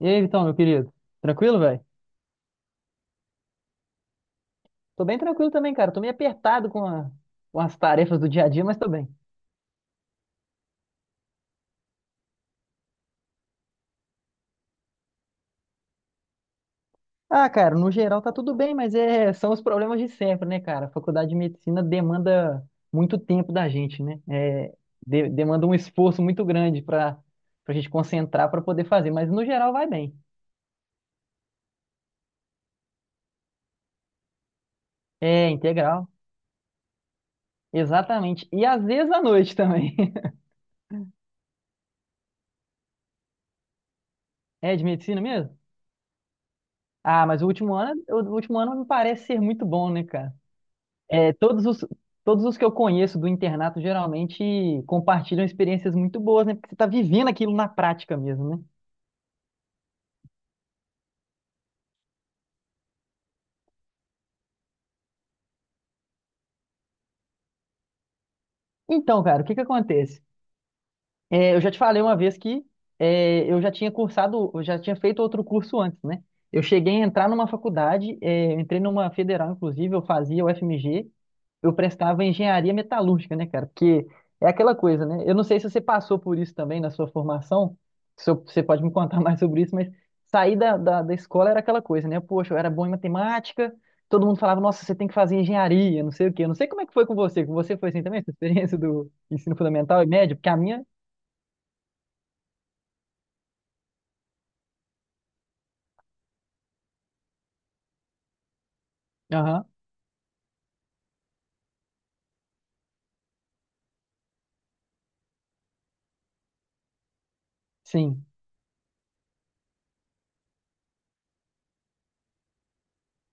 E aí, Vitão, meu querido? Tranquilo, velho? Tô bem tranquilo também, cara. Tô meio apertado com as tarefas do dia a dia, mas tô bem. Ah, cara, no geral tá tudo bem, mas é, são os problemas de sempre, né, cara? A faculdade de medicina demanda muito tempo da gente, né? É, demanda um esforço muito grande pra gente concentrar pra poder fazer, mas no geral vai bem. É, integral. Exatamente. E às vezes à noite também. É de medicina mesmo? Ah, mas o último ano me parece ser muito bom, né, cara? É, todos os que eu conheço do internato geralmente compartilham experiências muito boas, né? Porque você está vivendo aquilo na prática mesmo, né? Então, cara, o que que acontece? É, eu já te falei uma vez que é, eu já tinha cursado, eu já tinha feito outro curso antes, né? Eu cheguei a entrar numa faculdade, é, eu entrei numa federal, inclusive, eu fazia o FMG, eu prestava engenharia metalúrgica, né, cara? Porque é aquela coisa, né? Eu não sei se você passou por isso também na sua formação, se eu- você pode me contar mais sobre isso, mas sair da escola era aquela coisa, né? Poxa, eu era bom em matemática, todo mundo falava, nossa, você tem que fazer engenharia, não sei o quê. Eu não sei como é que foi com você foi assim também, essa experiência do ensino fundamental e médio, porque a minha. Aham, sim.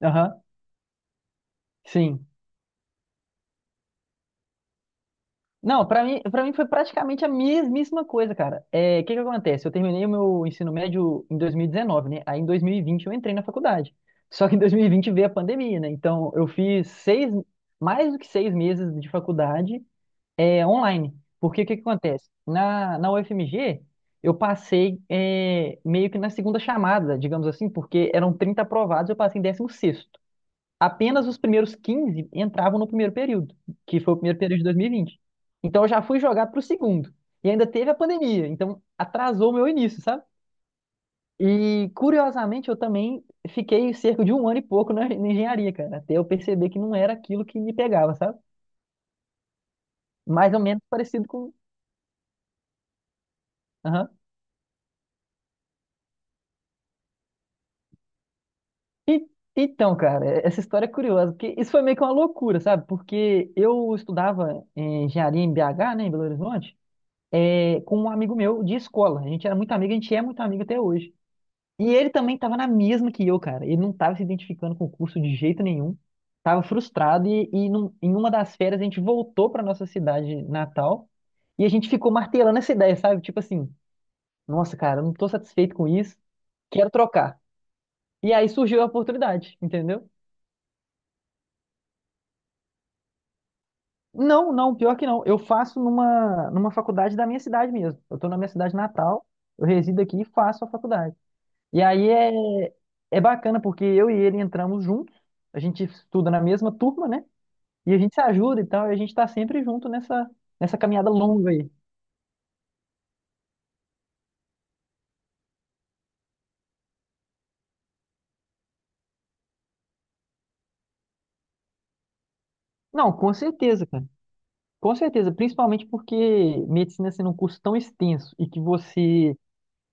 Aham, sim. Não, pra mim, para mim foi praticamente a mesmíssima coisa, cara. É, o que que acontece? Eu terminei o meu ensino médio em 2019, né? Aí em 2020, eu entrei na faculdade. Só que em 2020 veio a pandemia, né? Então eu fiz mais do que 6 meses de faculdade é, online. Porque o que que acontece? Na UFMG, eu passei é, meio que na segunda chamada, digamos assim, porque eram 30 aprovados, eu passei em 16º. Apenas os primeiros 15 entravam no primeiro período, que foi o primeiro período de 2020. Então eu já fui jogar para o segundo. E ainda teve a pandemia, então atrasou o meu início, sabe? E curiosamente eu também fiquei cerca de um ano e pouco na engenharia, cara, até eu perceber que não era aquilo que me pegava, sabe? Mais ou menos parecido com. Aham. E- então, cara, essa história é curiosa, porque isso foi meio que uma loucura, sabe? Porque eu estudava em engenharia em BH, né, em Belo Horizonte. É, com um amigo meu de escola. A gente era muito amigo, a gente é muito amigo até hoje. E ele também estava na mesma que eu, cara. Ele não estava se identificando com o curso de jeito nenhum. Tava frustrado e em uma das férias a gente voltou para nossa cidade natal e a gente ficou martelando essa ideia, sabe? Tipo assim, nossa, cara, eu não tô satisfeito com isso, quero trocar. E aí surgiu a oportunidade, entendeu? Não, não, pior que não. Eu faço numa faculdade da minha cidade mesmo. Eu tô na minha cidade natal, eu resido aqui e faço a faculdade. E aí é, é bacana porque eu e ele entramos juntos, a gente estuda na mesma turma, né? E a gente se ajuda e tal, e a gente tá sempre junto nessa, nessa caminhada longa aí. Não, com certeza, cara. Com certeza, principalmente porque medicina sendo um curso tão extenso e que você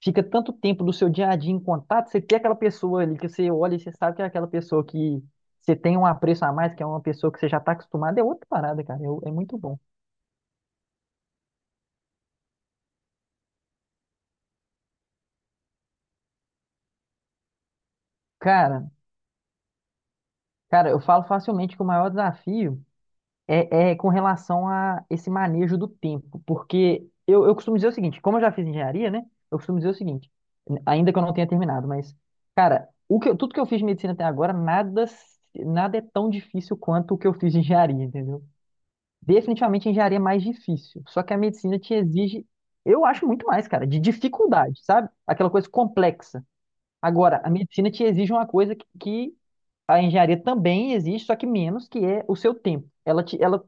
fica tanto tempo do seu dia a dia em contato, você tem aquela pessoa ali que você olha e você sabe que é aquela pessoa que você tem um apreço a mais, que é uma pessoa que você já está acostumado, é outra parada, cara. É, é muito bom. Cara, cara, eu falo facilmente que o maior desafio. É, é com relação a esse manejo do tempo, porque eu costumo dizer o seguinte, como eu já fiz engenharia, né? Eu costumo dizer o seguinte, ainda que eu não tenha terminado, mas, cara, tudo que eu fiz de medicina até agora, nada, nada é tão difícil quanto o que eu fiz de engenharia, entendeu? Definitivamente a engenharia é mais difícil, só que a medicina te exige, eu acho muito mais, cara, de dificuldade, sabe? Aquela coisa complexa. Agora, a medicina te exige uma coisa que a engenharia também exige, só que menos, que é o seu tempo. Ela te, ela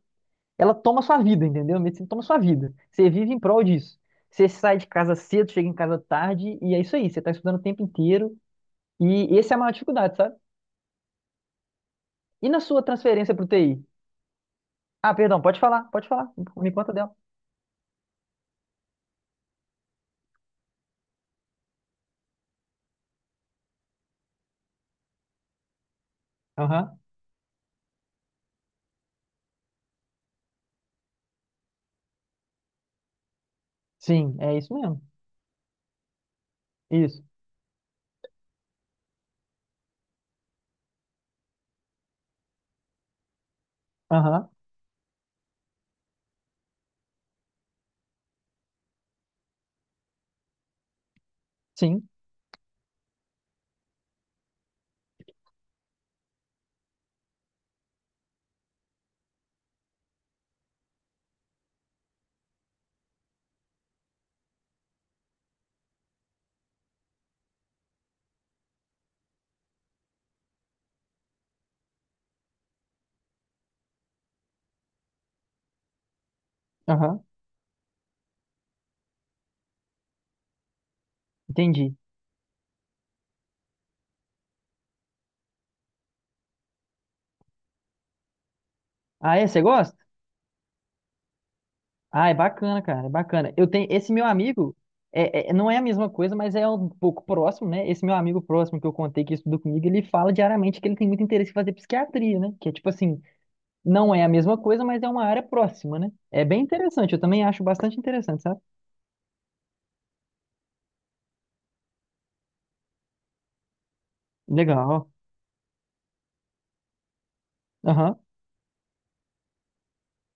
ela toma sua vida, entendeu? A medicina toma sua vida. Você vive em prol disso. Você sai de casa cedo, chega em casa tarde, e é isso aí. Você está estudando o tempo inteiro, e essa é a maior dificuldade, sabe? E na sua transferência para o TI? Ah, perdão, pode falar, pode falar. Me conta dela. Aham. Sim, é isso mesmo. Isso. Aham. Sim. Aham. Entendi. Ah, é? Você gosta? Ah, é bacana, cara, é bacana. Eu tenho esse meu amigo, não é a mesma coisa, mas é um pouco próximo, né? Esse meu amigo próximo que eu contei que estudou comigo, ele fala diariamente que ele tem muito interesse em fazer psiquiatria, né? Que é tipo assim, não é a mesma coisa, mas é uma área próxima, né? É bem interessante, eu também acho bastante interessante, sabe? Legal. Aham,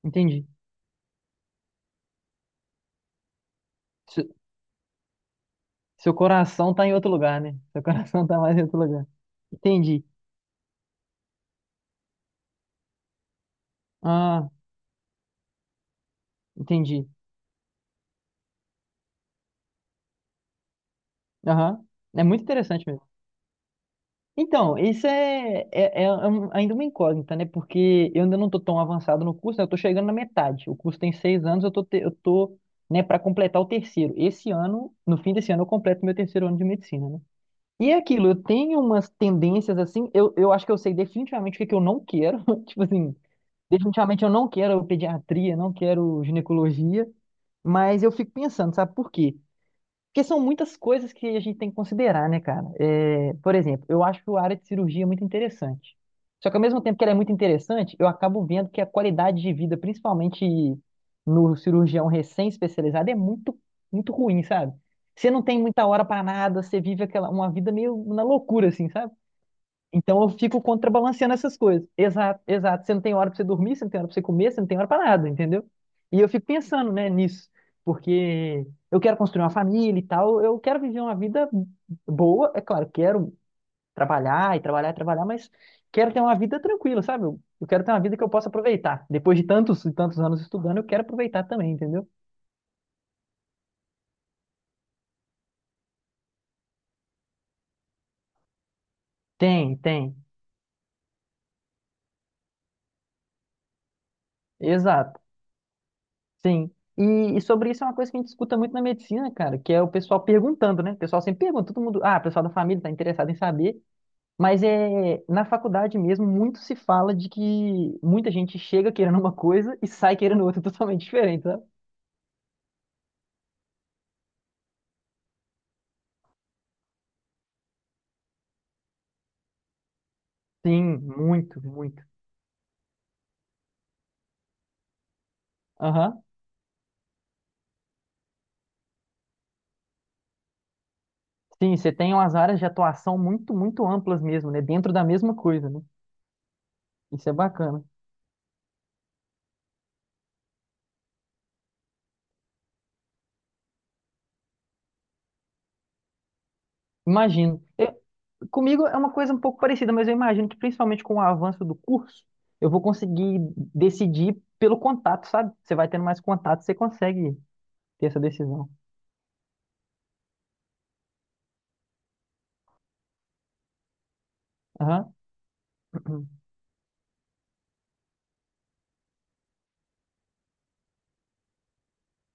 entendi. Se- seu coração tá em outro lugar, né? Seu coração tá mais em outro lugar. Entendi. Ah, entendi. Aham. É muito interessante mesmo. Então, isso é ainda uma incógnita, né? Porque eu ainda não estou tão avançado no curso, né? Eu estou chegando na metade. O curso tem 6 anos, eu estou, eu tô, né, para completar o terceiro. Esse ano, no fim desse ano, eu completo meu terceiro ano de medicina, né? E é aquilo, eu tenho umas tendências assim, eu acho que eu sei definitivamente o que que eu não quero. Tipo assim, definitivamente eu não quero pediatria, não quero ginecologia, mas eu fico pensando, sabe por quê? Porque são muitas coisas que a gente tem que considerar, né, cara? É, por exemplo, eu acho a área de cirurgia é muito interessante. Só que ao mesmo tempo que ela é muito interessante, eu acabo vendo que a qualidade de vida, principalmente no cirurgião recém-especializado, é muito, muito ruim, sabe? Você não tem muita hora pra nada, você vive aquela, uma vida meio na loucura, assim, sabe? Então eu fico contrabalanceando essas coisas. Exato, exato. Você não tem hora pra você dormir, você não tem hora pra você comer, você não tem hora pra nada, entendeu? E eu fico pensando, né, nisso, porque eu quero construir uma família e tal, eu quero viver uma vida boa, é claro, quero trabalhar e trabalhar e trabalhar, mas quero ter uma vida tranquila, sabe? Eu quero ter uma vida que eu possa aproveitar. Depois de tantos e tantos anos estudando, eu quero aproveitar também, entendeu? Tem, tem. Exato. Sim. E sobre isso é uma coisa que a gente escuta muito na medicina, cara, que é o pessoal perguntando, né? O pessoal sempre pergunta, todo mundo, ah, o pessoal da família está interessado em saber, mas é na faculdade mesmo muito se fala de que muita gente chega querendo uma coisa e sai querendo outra totalmente diferente, sabe? Sim, muito, muito. Aham. Sim, você tem umas áreas de atuação muito, muito amplas mesmo, né? Dentro da mesma coisa, né? Isso é bacana. Imagino. Comigo é uma coisa um pouco parecida, mas eu imagino que principalmente com o avanço do curso, eu vou conseguir decidir pelo contato, sabe? Você vai tendo mais contato, você consegue ter essa decisão. Aham,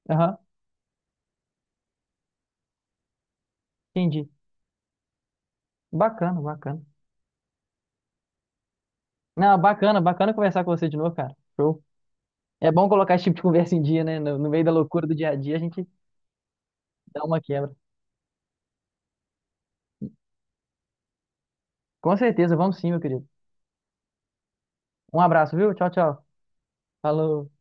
aham, entendi. Bacana, bacana. Não, bacana, bacana conversar com você de novo, cara. Show. É bom colocar esse tipo de conversa em dia, né? No meio da loucura do dia a dia, a gente dá uma quebra. Com certeza, vamos sim, meu querido. Um abraço, viu? Tchau, tchau. Falou.